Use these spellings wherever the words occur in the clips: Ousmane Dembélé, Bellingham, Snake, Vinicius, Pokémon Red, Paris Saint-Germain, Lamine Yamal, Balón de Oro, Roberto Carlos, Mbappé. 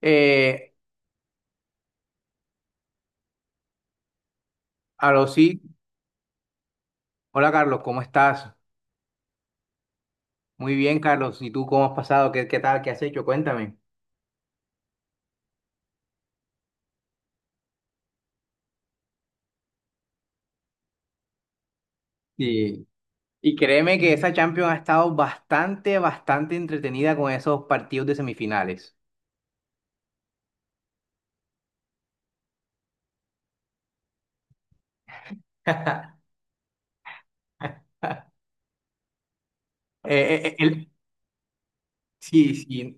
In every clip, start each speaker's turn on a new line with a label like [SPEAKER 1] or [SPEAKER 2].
[SPEAKER 1] Eh, Aló, sí. Hola, Carlos, ¿cómo estás? Muy bien, Carlos. ¿Y tú cómo has pasado? ¿Qué tal? ¿Qué has hecho? Cuéntame. Y, y créeme que esa Champions ha estado bastante, bastante entretenida con esos partidos de semifinales. Eh, eh, eh, el- sí, sí.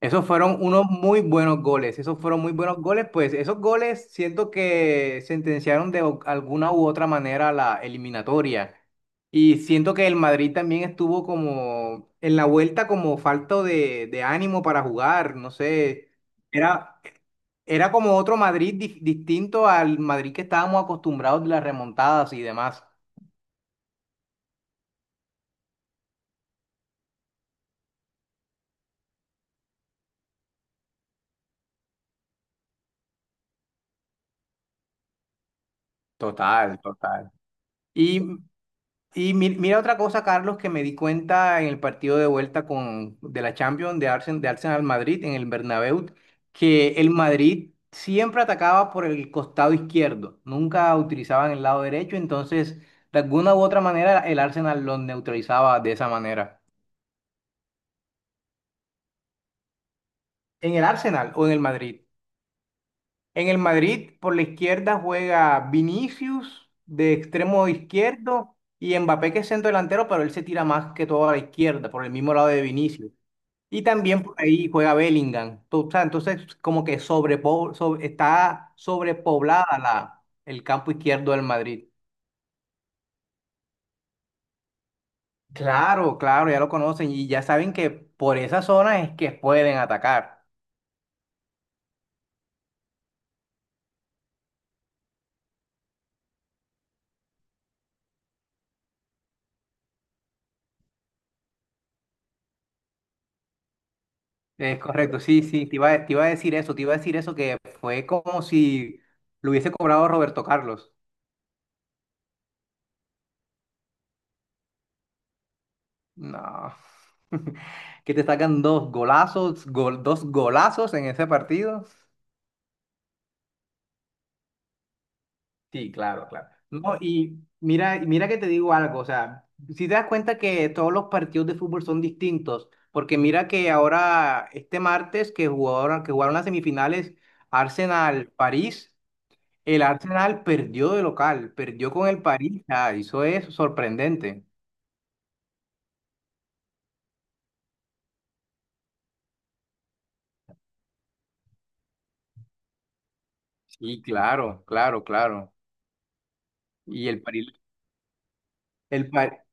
[SPEAKER 1] Esos fueron unos muy buenos goles, esos fueron muy buenos goles, pues esos goles siento que sentenciaron de alguna u otra manera la eliminatoria. Y siento que el Madrid también estuvo como en la vuelta como falto de ánimo para jugar, no sé, era, era como otro Madrid distinto al Madrid que estábamos acostumbrados de las remontadas y demás. Total, total. Y Y mira otra cosa, Carlos, que me di cuenta en el partido de vuelta de la Champions de Arsenal Madrid en el Bernabéu, que el Madrid siempre atacaba por el costado izquierdo, nunca utilizaban el lado derecho, entonces de alguna u otra manera el Arsenal los neutralizaba de esa manera. ¿En el Arsenal o en el Madrid? En el Madrid por la izquierda juega Vinicius de extremo izquierdo y Mbappé, que es centro delantero, pero él se tira más que todo a la izquierda, por el mismo lado de Vinicius. Y también por ahí juega Bellingham. O sea, entonces, como que está sobrepoblada el campo izquierdo del Madrid. Claro, claro, ya lo conocen y ya saben que por esa zona es que pueden atacar. Es correcto, sí, sí, te iba a decir eso, te iba a decir eso, que fue como si lo hubiese cobrado Roberto Carlos. No, que te sacan dos golazos, dos golazos en ese partido. Sí, claro, claro. No, y mira, mira que te digo algo, o sea, si te das cuenta que todos los partidos de fútbol son distintos, porque mira que ahora este martes que jugaron las semifinales Arsenal-París, el Arsenal perdió de local, perdió con el París. Ah, eso es sorprendente. Sí, claro, claro, claro. Y el París, el, Pa-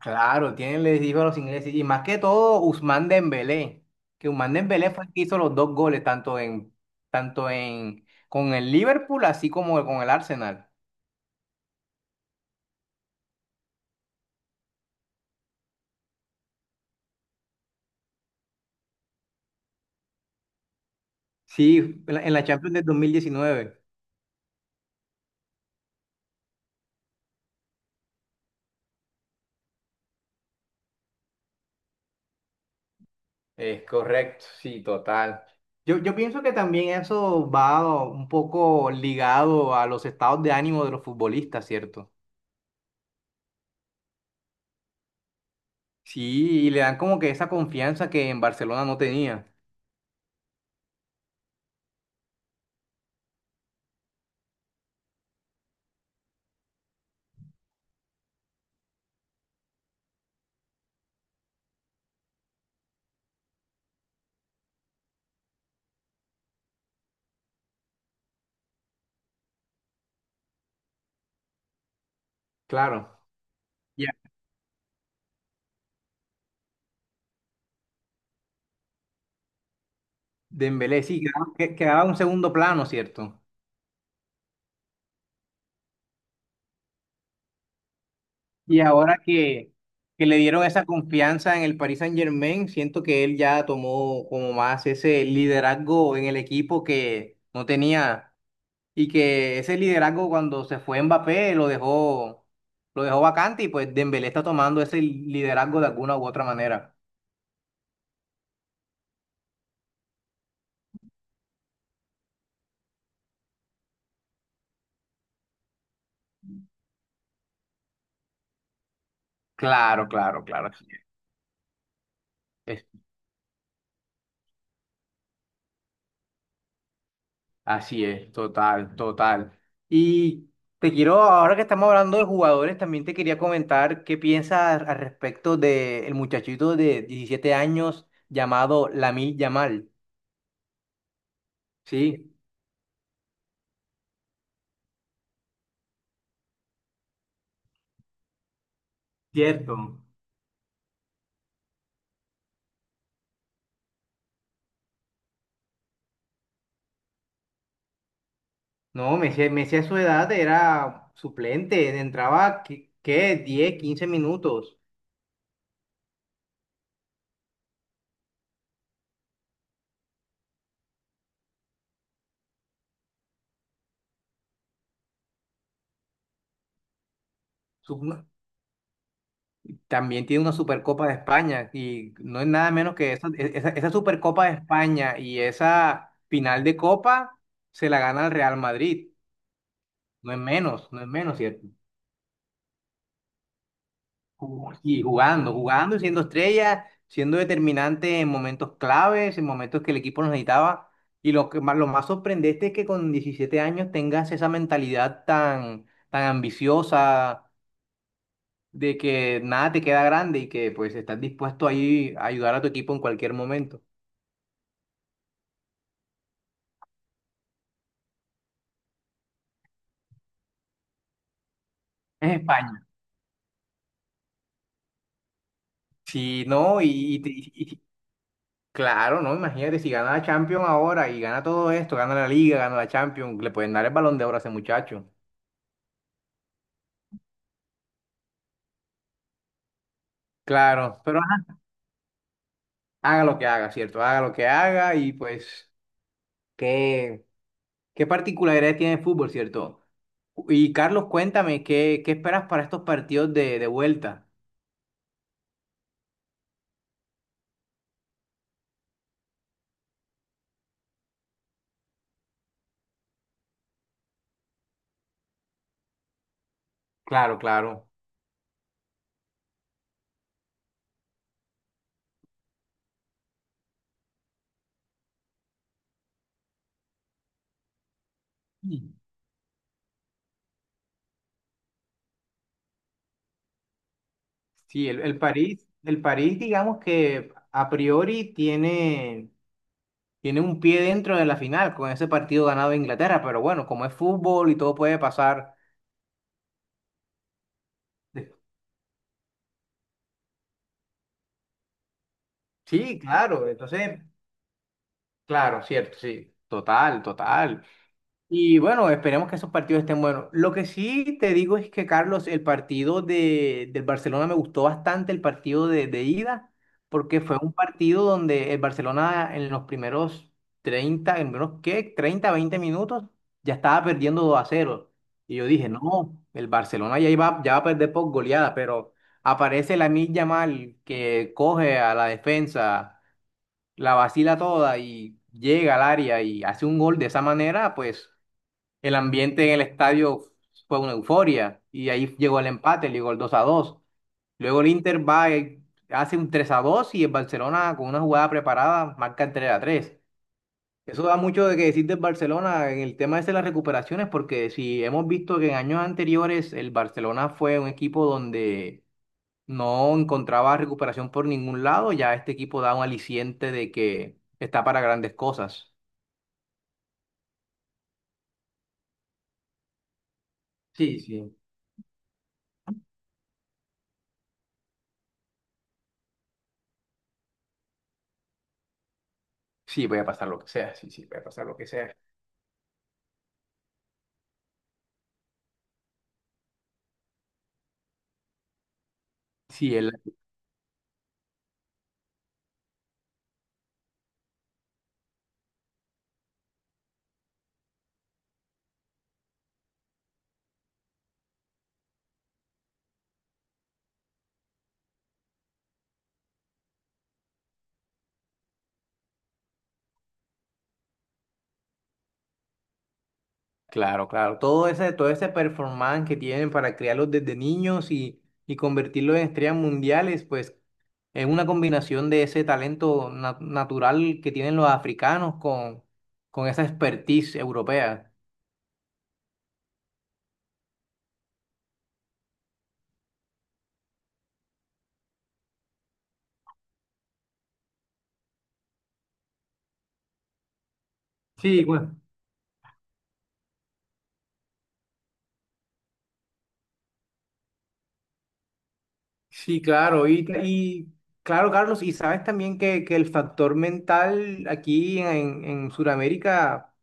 [SPEAKER 1] Claro, les dijo a los ingleses, y más que todo Ousmane Dembélé, que Ousmane Dembélé fue el que hizo los dos goles, con el Liverpool, así como con el Arsenal. Sí, en la Champions del 2019. Es correcto, sí, total. Yo pienso que también eso va un poco ligado a los estados de ánimo de los futbolistas, ¿cierto? Sí, y le dan como que esa confianza que en Barcelona no tenía. Claro. Dembélé, sí, quedaba un segundo plano, ¿cierto? Y ahora que le dieron esa confianza en el Paris Saint-Germain, siento que él ya tomó como más ese liderazgo en el equipo que no tenía, y que ese liderazgo, cuando se fue Mbappé, lo dejó vacante, y pues Dembélé está tomando ese liderazgo de alguna u otra manera. Claro, claro, claro. Así es, total, total. Y te quiero, ahora que estamos hablando de jugadores, también te quería comentar qué piensas al respecto del muchachito de 17 años llamado Lamine Yamal. Sí, cierto. No, Messi, a su edad era suplente, entraba, ¿qué?, 10, 15 minutos. Su- También tiene una Supercopa de España, y no es nada menos que esa Supercopa de España, y esa final de Copa se la gana el Real Madrid. No es menos, no es menos, ¿cierto? Y jugando, jugando y siendo estrella, siendo determinante en momentos claves, en momentos que el equipo nos necesitaba. Y lo más sorprendente es que con 17 años tengas esa mentalidad tan, tan ambiciosa, de que nada te queda grande y que pues estás dispuesto ahí a ayudar a tu equipo en cualquier momento. Es España. Sí, no, y- y- claro, no, imagínate, si gana la Champions ahora y gana todo esto, gana la Liga, gana la Champions, le pueden dar el Balón de Oro a ese muchacho. Claro, pero ajá, haga lo que haga, ¿cierto? Haga lo que haga, y pues, ¿qué, qué particularidad tiene el fútbol, ¿cierto? Y Carlos, cuéntame, ¿qué esperas para estos partidos de vuelta? Claro, claro. Sí, el París, digamos que a priori tiene un pie dentro de la final con ese partido ganado de Inglaterra, pero bueno, como es fútbol, y todo puede pasar. Sí, claro, entonces, claro, cierto, sí, total, total. Y bueno, esperemos que esos partidos estén buenos. Lo que sí te digo es que, Carlos, el partido del Barcelona me gustó bastante, el partido de ida, porque fue un partido donde el Barcelona, en los primeros 30, en menos que, 30, 20 minutos, ya estaba perdiendo 2-0. Y yo dije: no, el Barcelona ya iba, ya va a perder por goleada, pero aparece la Lamine Yamal, que coge a la defensa, la vacila toda y llega al área y hace un gol de esa manera, pues. El ambiente en el estadio fue una euforia, y ahí llegó el empate, llegó el 2-2. Luego el Inter va y hace un 3-2, y el Barcelona, con una jugada preparada, marca el 3-3. Eso da mucho de que decir del Barcelona en el tema ese de las recuperaciones, porque si hemos visto que en años anteriores el Barcelona fue un equipo donde no encontraba recuperación por ningún lado, ya este equipo da un aliciente de que está para grandes cosas. Sí, sí. Sí, voy a pasar lo que sea, sí, sí, voy a pasar lo que sea. Sí, el Claro, claro. Todo ese performance que tienen para criarlos desde niños, y convertirlos en estrellas mundiales, pues es una combinación de ese talento natural que tienen los africanos con esa expertise europea. Sí, bueno. Sí, claro. Y claro, Carlos, y sabes también que el factor mental aquí en Sudamérica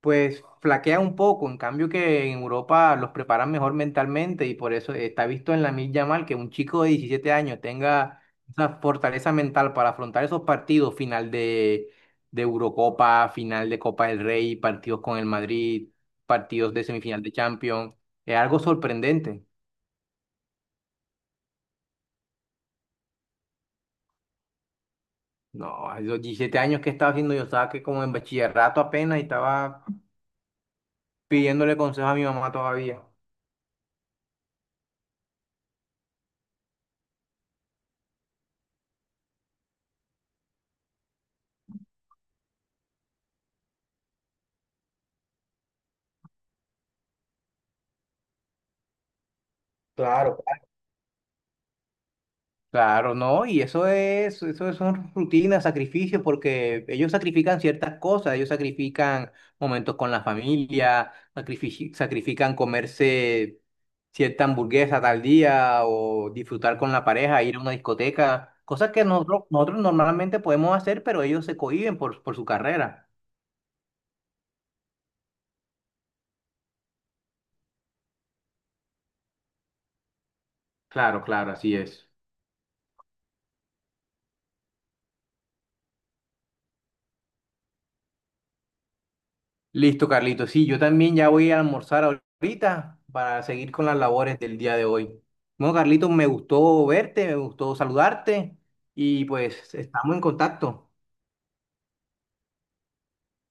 [SPEAKER 1] pues flaquea un poco, en cambio que en Europa los preparan mejor mentalmente, y por eso está visto en la Lamine Yamal que un chico de 17 años tenga esa fortaleza mental para afrontar esos partidos: final de Eurocopa, final de Copa del Rey, partidos con el Madrid, partidos de semifinal de Champions. Es algo sorprendente. No, a los 17 años, que estaba haciendo yo, estaba que como en bachillerato apenas y estaba pidiéndole consejo a mi mamá todavía. Claro. Claro, no, y eso son rutinas, sacrificios, porque ellos sacrifican ciertas cosas, ellos sacrifican momentos con la familia, sacrifican comerse cierta hamburguesa tal día, o disfrutar con la pareja, ir a una discoteca, cosas que nosotros normalmente podemos hacer, pero ellos se cohíben por su carrera. Claro, claro, así es. Listo, Carlito. Sí, yo también ya voy a almorzar ahorita para seguir con las labores del día de hoy. Bueno, Carlito, me gustó verte, me gustó saludarte y pues estamos en contacto.